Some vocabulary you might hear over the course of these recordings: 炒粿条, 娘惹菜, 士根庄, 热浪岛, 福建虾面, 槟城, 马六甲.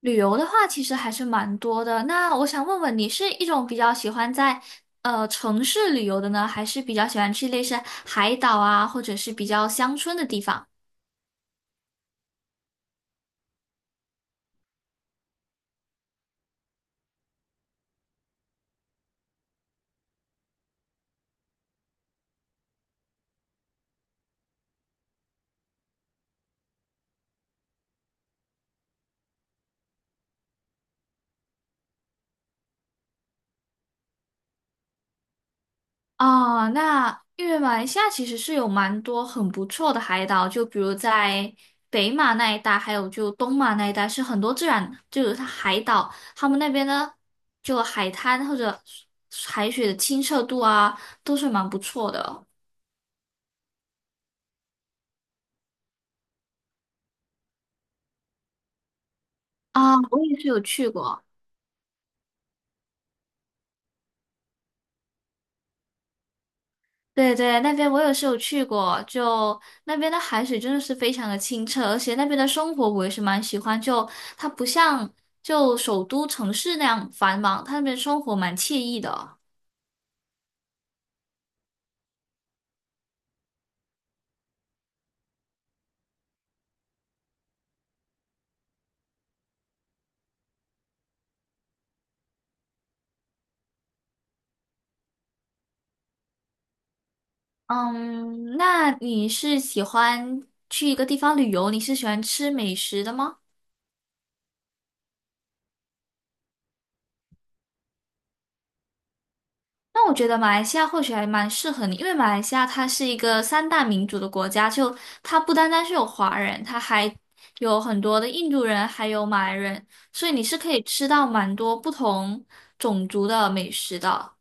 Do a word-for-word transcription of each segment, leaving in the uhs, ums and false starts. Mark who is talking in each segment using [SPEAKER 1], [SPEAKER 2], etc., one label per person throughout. [SPEAKER 1] 旅游的话，其实还是蛮多的。那我想问问你，是一种比较喜欢在呃城市旅游的呢，还是比较喜欢去类似海岛啊，或者是比较乡村的地方？哦，那因为马来西亚其实是有蛮多很不错的海岛，就比如在北马那一带，还有就东马那一带，是很多自然就是它海岛，他们那边呢就海滩或者海水的清澈度啊，都是蛮不错的啊，我也是有去过。对对，那边我也是有去过，就那边的海水真的是非常的清澈，而且那边的生活我也是蛮喜欢，就它不像就首都城市那样繁忙，它那边生活蛮惬意的哦。嗯，那你是喜欢去一个地方旅游，你是喜欢吃美食的吗？那我觉得马来西亚或许还蛮适合你，因为马来西亚它是一个三大民族的国家，就它不单单是有华人，它还有很多的印度人，还有马来人，所以你是可以吃到蛮多不同种族的美食的。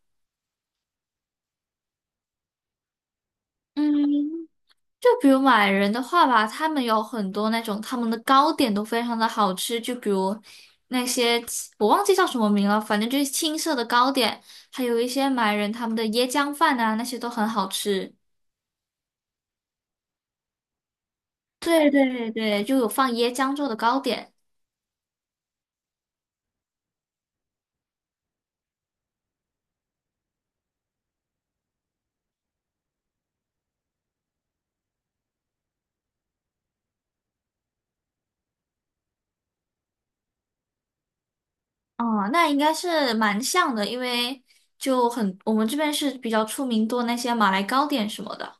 [SPEAKER 1] 嗯，就比如马来人的话吧，他们有很多那种他们的糕点都非常的好吃，就比如那些我忘记叫什么名了，反正就是青色的糕点，还有一些马来人他们的椰浆饭啊，那些都很好吃。对对对，就有放椰浆做的糕点。哦、那应该是蛮像的，因为就很我们这边是比较出名做那些马来糕点什么的。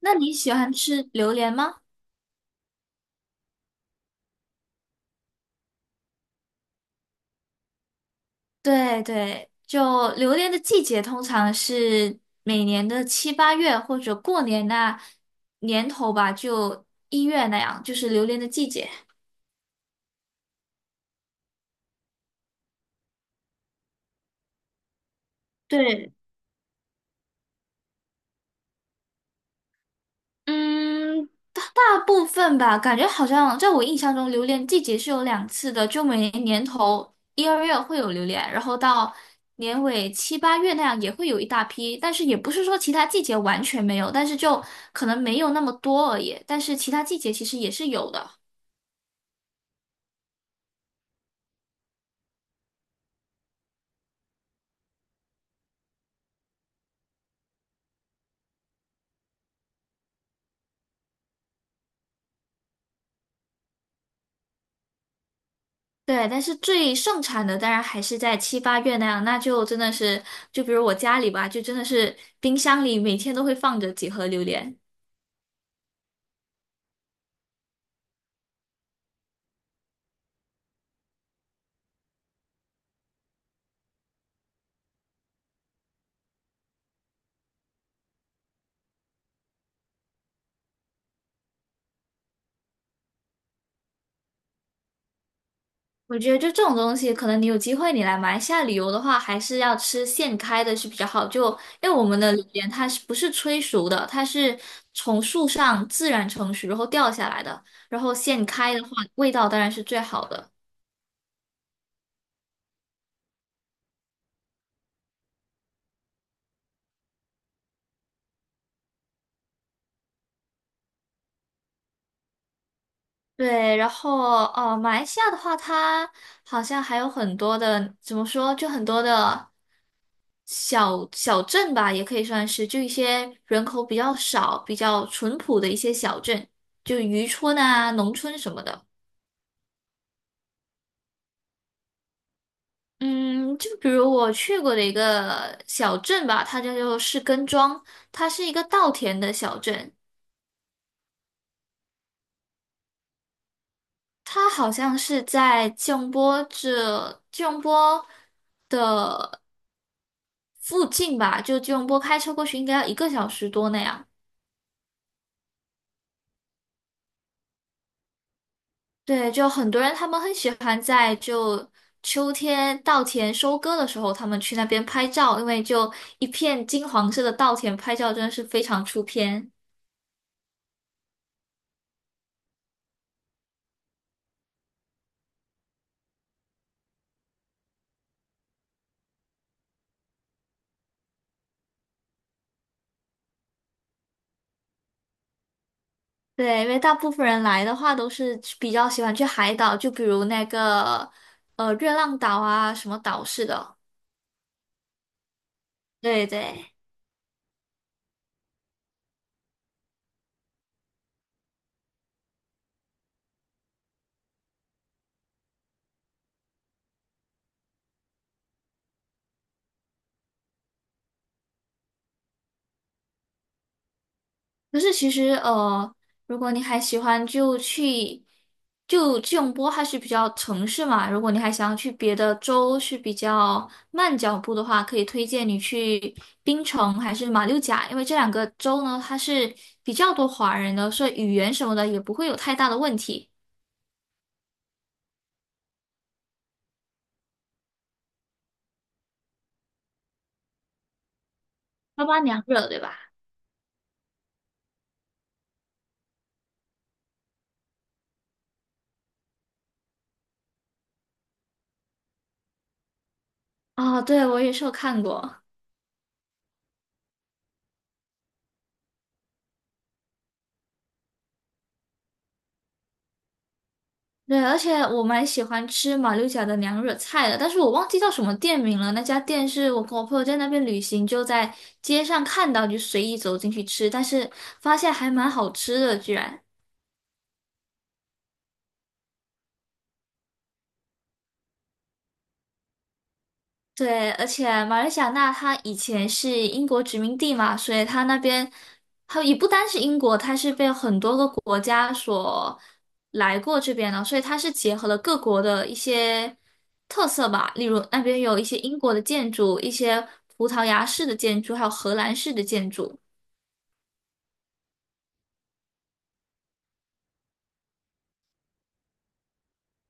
[SPEAKER 1] 那你喜欢吃榴莲吗？对对，就榴莲的季节通常是每年的七八月或者过年那年头吧，就一月那样，就是榴莲的季节。对。嗯，大部分吧，感觉好像在我印象中，榴莲季节是有两次的，就每年年头一二月会有榴莲，然后到年尾七八月那样也会有一大批，但是也不是说其他季节完全没有，但是就可能没有那么多而已，但是其他季节其实也是有的。对，但是最盛产的当然还是在七八月那样，那就真的是，就比如我家里吧，就真的是冰箱里每天都会放着几盒榴莲。我觉得就这种东西，可能你有机会你来马来西亚旅游的话，还是要吃现开的是比较好。就因为我们的榴莲它是不是催熟的，它是从树上自然成熟然后掉下来的，然后现开的话，味道当然是最好的。对，然后哦，马来西亚的话，它好像还有很多的，怎么说，就很多的小小镇吧，也可以算是，就一些人口比较少、比较淳朴的一些小镇，就渔村啊、农村什么的。嗯，就比如我去过的一个小镇吧，它叫做士根庄，它是一个稻田的小镇，它好像是在吉隆坡这吉隆坡。附近吧，就吉隆坡开车过去应该要一个小时多那样。对，就很多人他们很喜欢在就秋天稻田收割的时候，他们去那边拍照，因为就一片金黄色的稻田拍照真的是非常出片。对，因为大部分人来的话都是比较喜欢去海岛，就比如那个呃热浪岛啊什么岛似的。对对。可是其实呃，如果你还喜欢就去，就吉隆坡它是比较城市嘛，如果你还想要去别的州是比较慢脚步的话，可以推荐你去槟城还是马六甲，因为这两个州呢，它是比较多华人的，所以语言什么的也不会有太大的问题。八八娘热对吧？啊、对，我也是有看过。对，而且我蛮喜欢吃马六甲的娘惹菜的，但是我忘记叫什么店名了。那家店是我跟我朋友在那边旅行，就在街上看到，就随意走进去吃，但是发现还蛮好吃的，居然。对，而且马来西亚那它以前是英国殖民地嘛，所以它那边，它也不单是英国，它是被很多个国家所来过这边的，所以它是结合了各国的一些特色吧，例如那边有一些英国的建筑，一些葡萄牙式的建筑，还有荷兰式的建筑。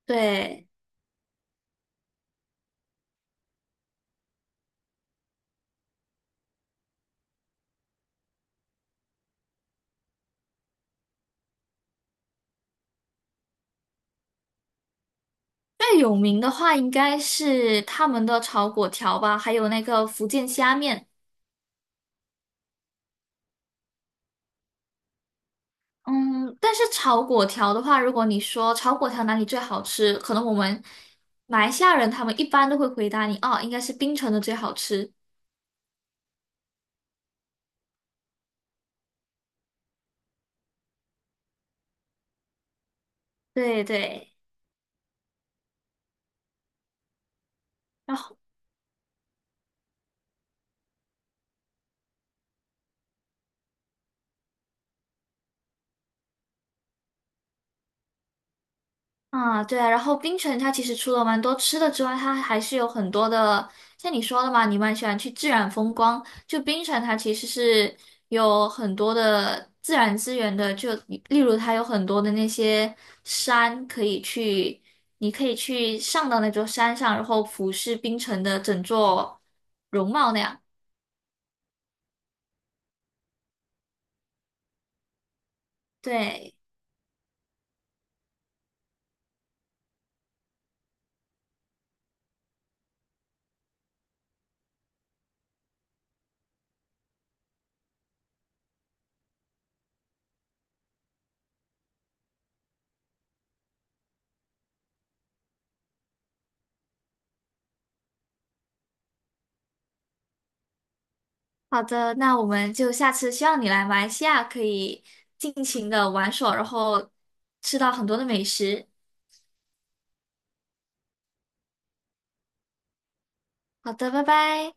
[SPEAKER 1] 对，最有名的话应该是他们的炒粿条吧，还有那个福建虾面。嗯，但是炒粿条的话，如果你说炒粿条哪里最好吃，可能我们马来西亚人他们一般都会回答你，哦，应该是槟城的最好吃。对对，然后啊，对啊，然后槟城它其实除了蛮多吃的之外，它还是有很多的，像你说的嘛，你蛮喜欢去自然风光。就槟城它其实是有很多的自然资源的，就例如它有很多的那些山可以去，你可以去上到那座山上，然后俯视槟城的整座容貌那样。对，好的，那我们就下次希望你来马来西亚可以尽情的玩耍，然后吃到很多的美食。好的，拜拜。